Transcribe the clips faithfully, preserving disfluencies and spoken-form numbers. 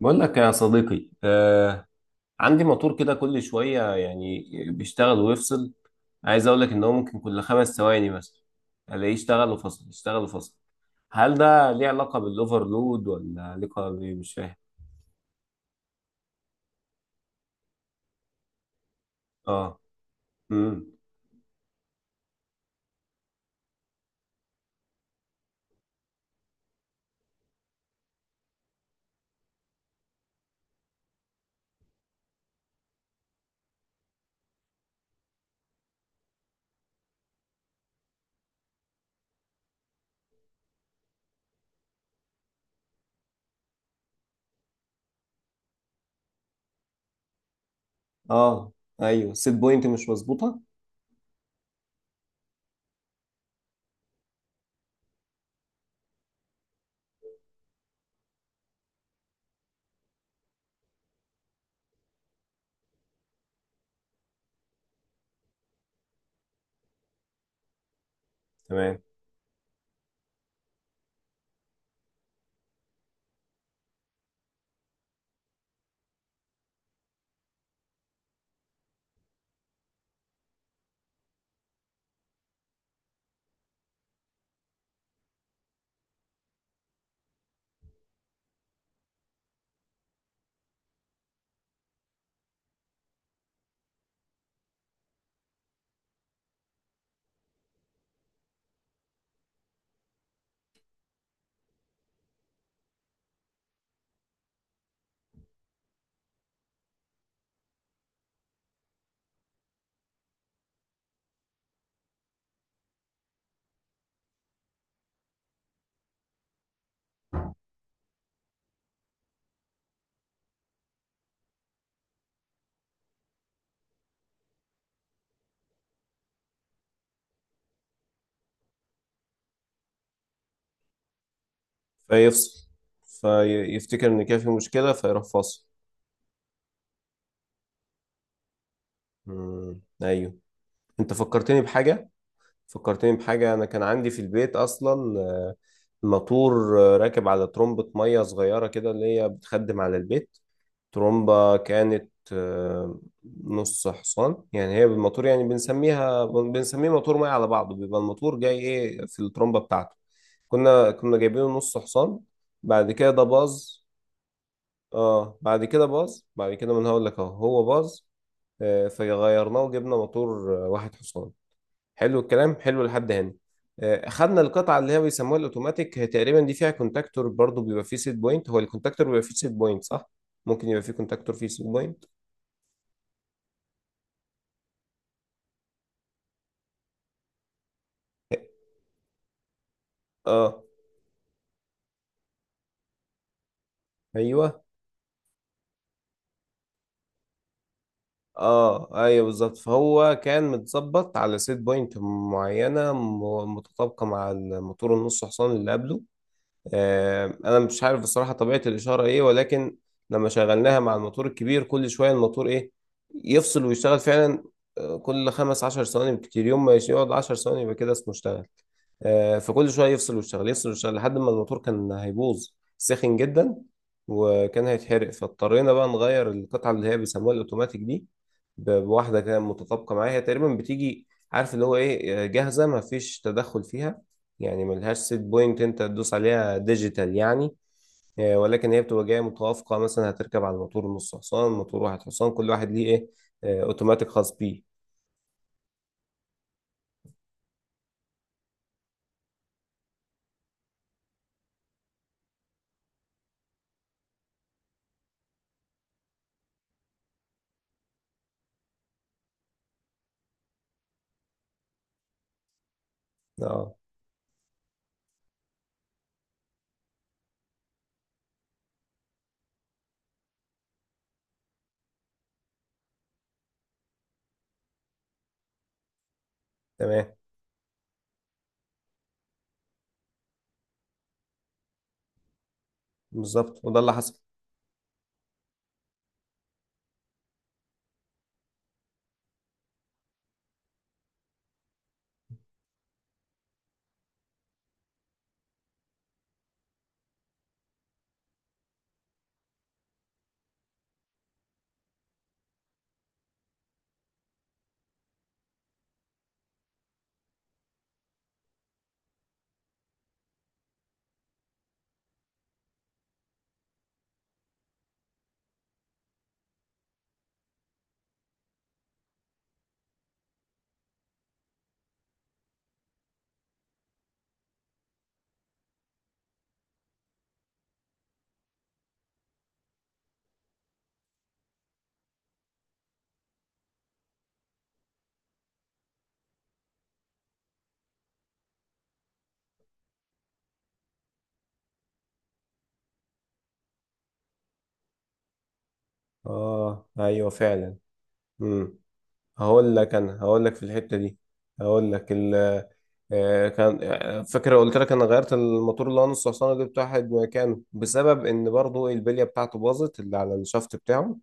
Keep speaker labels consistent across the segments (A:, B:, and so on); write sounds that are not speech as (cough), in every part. A: بقول لك يا صديقي، آه عندي موتور كده كل شوية يعني بيشتغل ويفصل. عايز أقول لك إن هو ممكن كل خمس ثواني مثلا ألاقيه اشتغل وفصل، اشتغل وفصل. هل ده ليه علاقة بالأوفرلود ولا علاقة بإيه؟ مش فاهم. آه. امم. آه أيوه، السيت بوينت مش مظبوطة. تمام. فيفصل، فيفتكر ان كده في مشكله فيروح فاصل. مم. ايوه. انت فكرتني بحاجه فكرتني بحاجه انا كان عندي في البيت اصلا آه، موتور آه، راكب على ترمبه ميه صغيره كده اللي هي بتخدم على البيت. ترومبة كانت آه، نص حصان. يعني هي بالموتور يعني بنسميها بنسميه موتور ميه على بعضه، بيبقى الموتور جاي ايه في الترومبة بتاعته. كنا كنا جايبينه نص حصان، بعد كده ده باظ. اه، بعد كده باظ. بعد كده ما انا هقول لك اهو هو باظ. آه، فغيرناه وجبنا موتور آه، واحد حصان. حلو الكلام، حلو لحد هنا. آه، خدنا القطعه اللي هي بيسموها الاوتوماتيك. هي تقريبا دي فيها كونتاكتور برضو، بيبقى فيه سيت بوينت. هو الكونتاكتور بيبقى فيه سيت بوينت، صح؟ ممكن يبقى فيه كونتاكتور فيه سيت بوينت. اه. آه، ايوه. اه، ايوه، بالظبط، فهو كان متظبط على سيت بوينت معينه م- متطابقه مع الموتور النص حصان اللي قبله. آه، انا مش عارف بصراحه طبيعه الاشاره ايه، ولكن لما شغلناها مع الموتور الكبير كل شويه الموتور ايه، يفصل ويشتغل فعلا. آه، كل خمس عشر ثواني بكتير، يوم ما يقعد عشر ثواني يبقى كده اسمه اشتغل. آه، فكل شويه يفصل ويشتغل، يفصل ويشتغل لحد ما الموتور كان هيبوظ. سخن جدا، وكان هيتحرق. فاضطرينا بقى نغير القطعه اللي هي بيسموها الاوتوماتيك دي ب- بواحده كده متطابقه معاها. هي تقريبا بتيجي عارف اللي هو ايه، آه، جاهزه ما فيش تدخل فيها، يعني ملهاش سيت بوينت انت تدوس عليها، ديجيتال يعني. آه، ولكن هي بتبقى جايه متوافقه، مثلا هتركب على الموتور نص حصان، موتور واحد حصان، كل واحد ليه ايه، آه، اوتوماتيك خاص بيه. اه، تمام، بالظبط، وده اللي حصل. اه، ايوه فعلا. امم هقول لك انا هقول لك في الحته دي. هقول لك ال آه، كان آه، فاكر قلت لك انا غيرت الموتور اللي هو نص حصان وجبت واحد مكانه بسبب ان برضو البليه بتاعته باظت، اللي على الشافت بتاعه.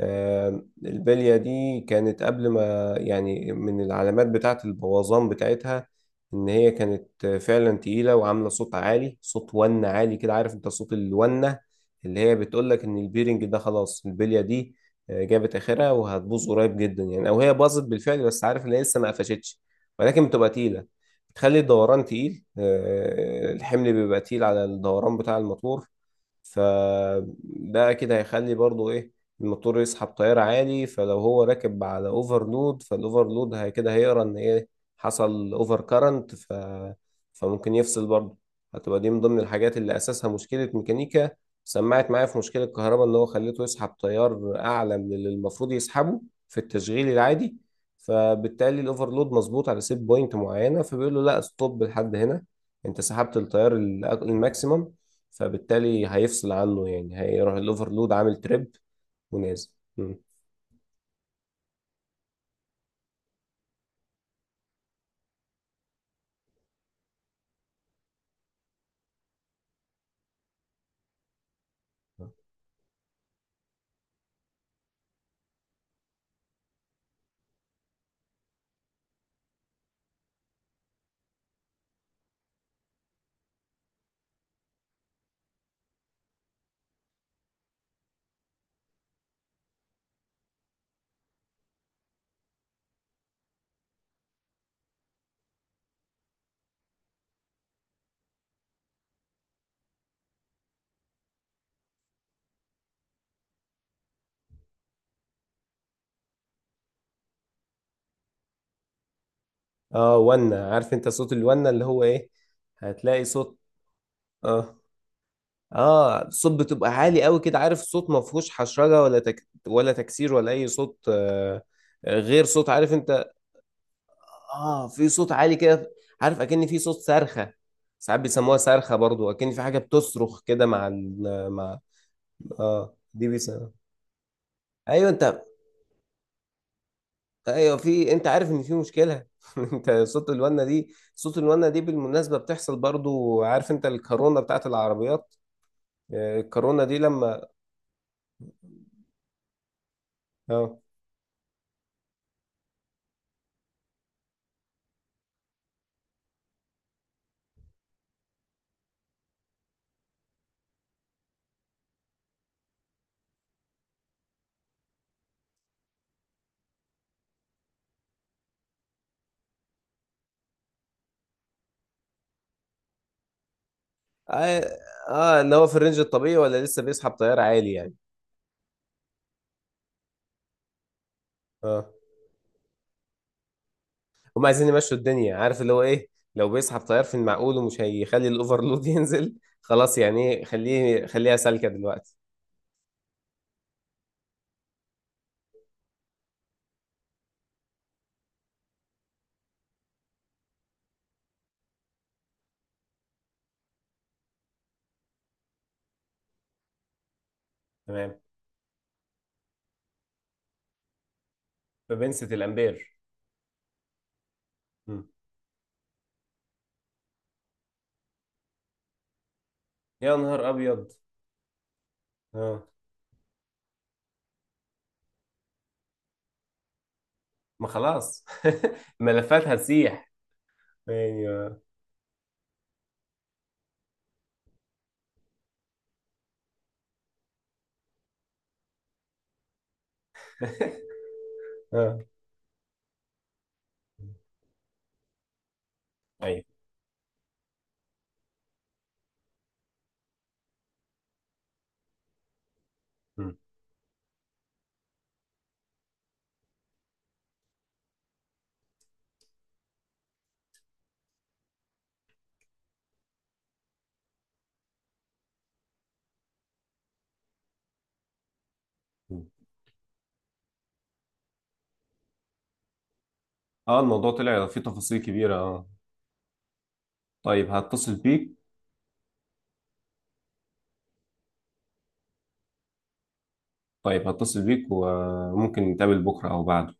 A: آم، البلية دي كانت قبل ما يعني، من العلامات بتاعة البوظان بتاعتها إن هي كانت فعلا تقيلة وعاملة صوت عالي، صوت ونة عالي كده، عارف أنت صوت الونة اللي هي بتقولك إن البيرنج ده خلاص، البلية دي آه، جابت آخرها وهتبوظ قريب جدا يعني، أو هي باظت بالفعل بس عارف إن هي لسه ما قفشتش، ولكن بتبقى تقيلة. بتخلي الدوران تقيل. آه، الحمل بيبقى تقيل على الدوران بتاع الموتور. فده أكيد هيخلي برضو إيه، الموتور يسحب تيار عالي. فلو هو راكب على اوفرلود، فالاوفرلود هي كده هيقرا ان ايه، حصل اوفر كارنت. ف... فممكن يفصل برضه. هتبقى دي من ضمن الحاجات اللي اساسها مشكلة ميكانيكا. سمعت معايا؟ في مشكلة كهرباء ان هو خليته يسحب تيار اعلى من اللي المفروض يسحبه في التشغيل العادي. فبالتالي الاوفرلود مظبوط على سيت بوينت معينة، فبيقول له لا، ستوب لحد هنا. انت سحبت التيار ال- الماكسيمم، فبالتالي هيفصل عنه يعني، هيروح الاوفرلود عامل تريب. منازل. مم. اه، ونا عارف انت صوت الونا اللي هو ايه. هتلاقي صوت. اه. اه، صوت بتبقى عالي قوي كده، عارف صوت ما فيهوش حشرجه ولا تك... ولا تكسير ولا اي صوت آه غير صوت، عارف انت. اه، في صوت عالي كده، عارف اكن في صوت صرخه. ساعات بيسموها صرخه برضو، اكن في حاجه بتصرخ كده مع ال... مع، اه دي بيسموها. ايوه، انت. ايوه، في. انت عارف ان في مشكله. (laughs) انت صوت الونه دي صوت الونه دي بالمناسبه بتحصل برضو، عارف انت الكورونا بتاعت العربيات. آه، الكورونا دي لما، اه، اه. آه، اللي هو في الرينج الطبيعي ولا لسه بيسحب طيار عالي يعني. اه، هم عايزين يمشوا الدنيا عارف اللي هو ايه، لو بيسحب طيار في المعقول ومش هيخلي الاوفرلود (laughs) ينزل، خلاص يعني ايه، خليه خليها سالكه دلوقتي. تمام. فبنسة الامبير. مم. يا نهار ابيض! اه، ما خلاص. (laughs) ملفات هتسيح. ايوه. (laughs) اه، ايوه. مم. مم. اه، الموضوع طلع فيه تفاصيل كبيرة، اه. طيب، هتصل بيك. طيب، هتصل بيك وممكن نتقابل بكرة او بعد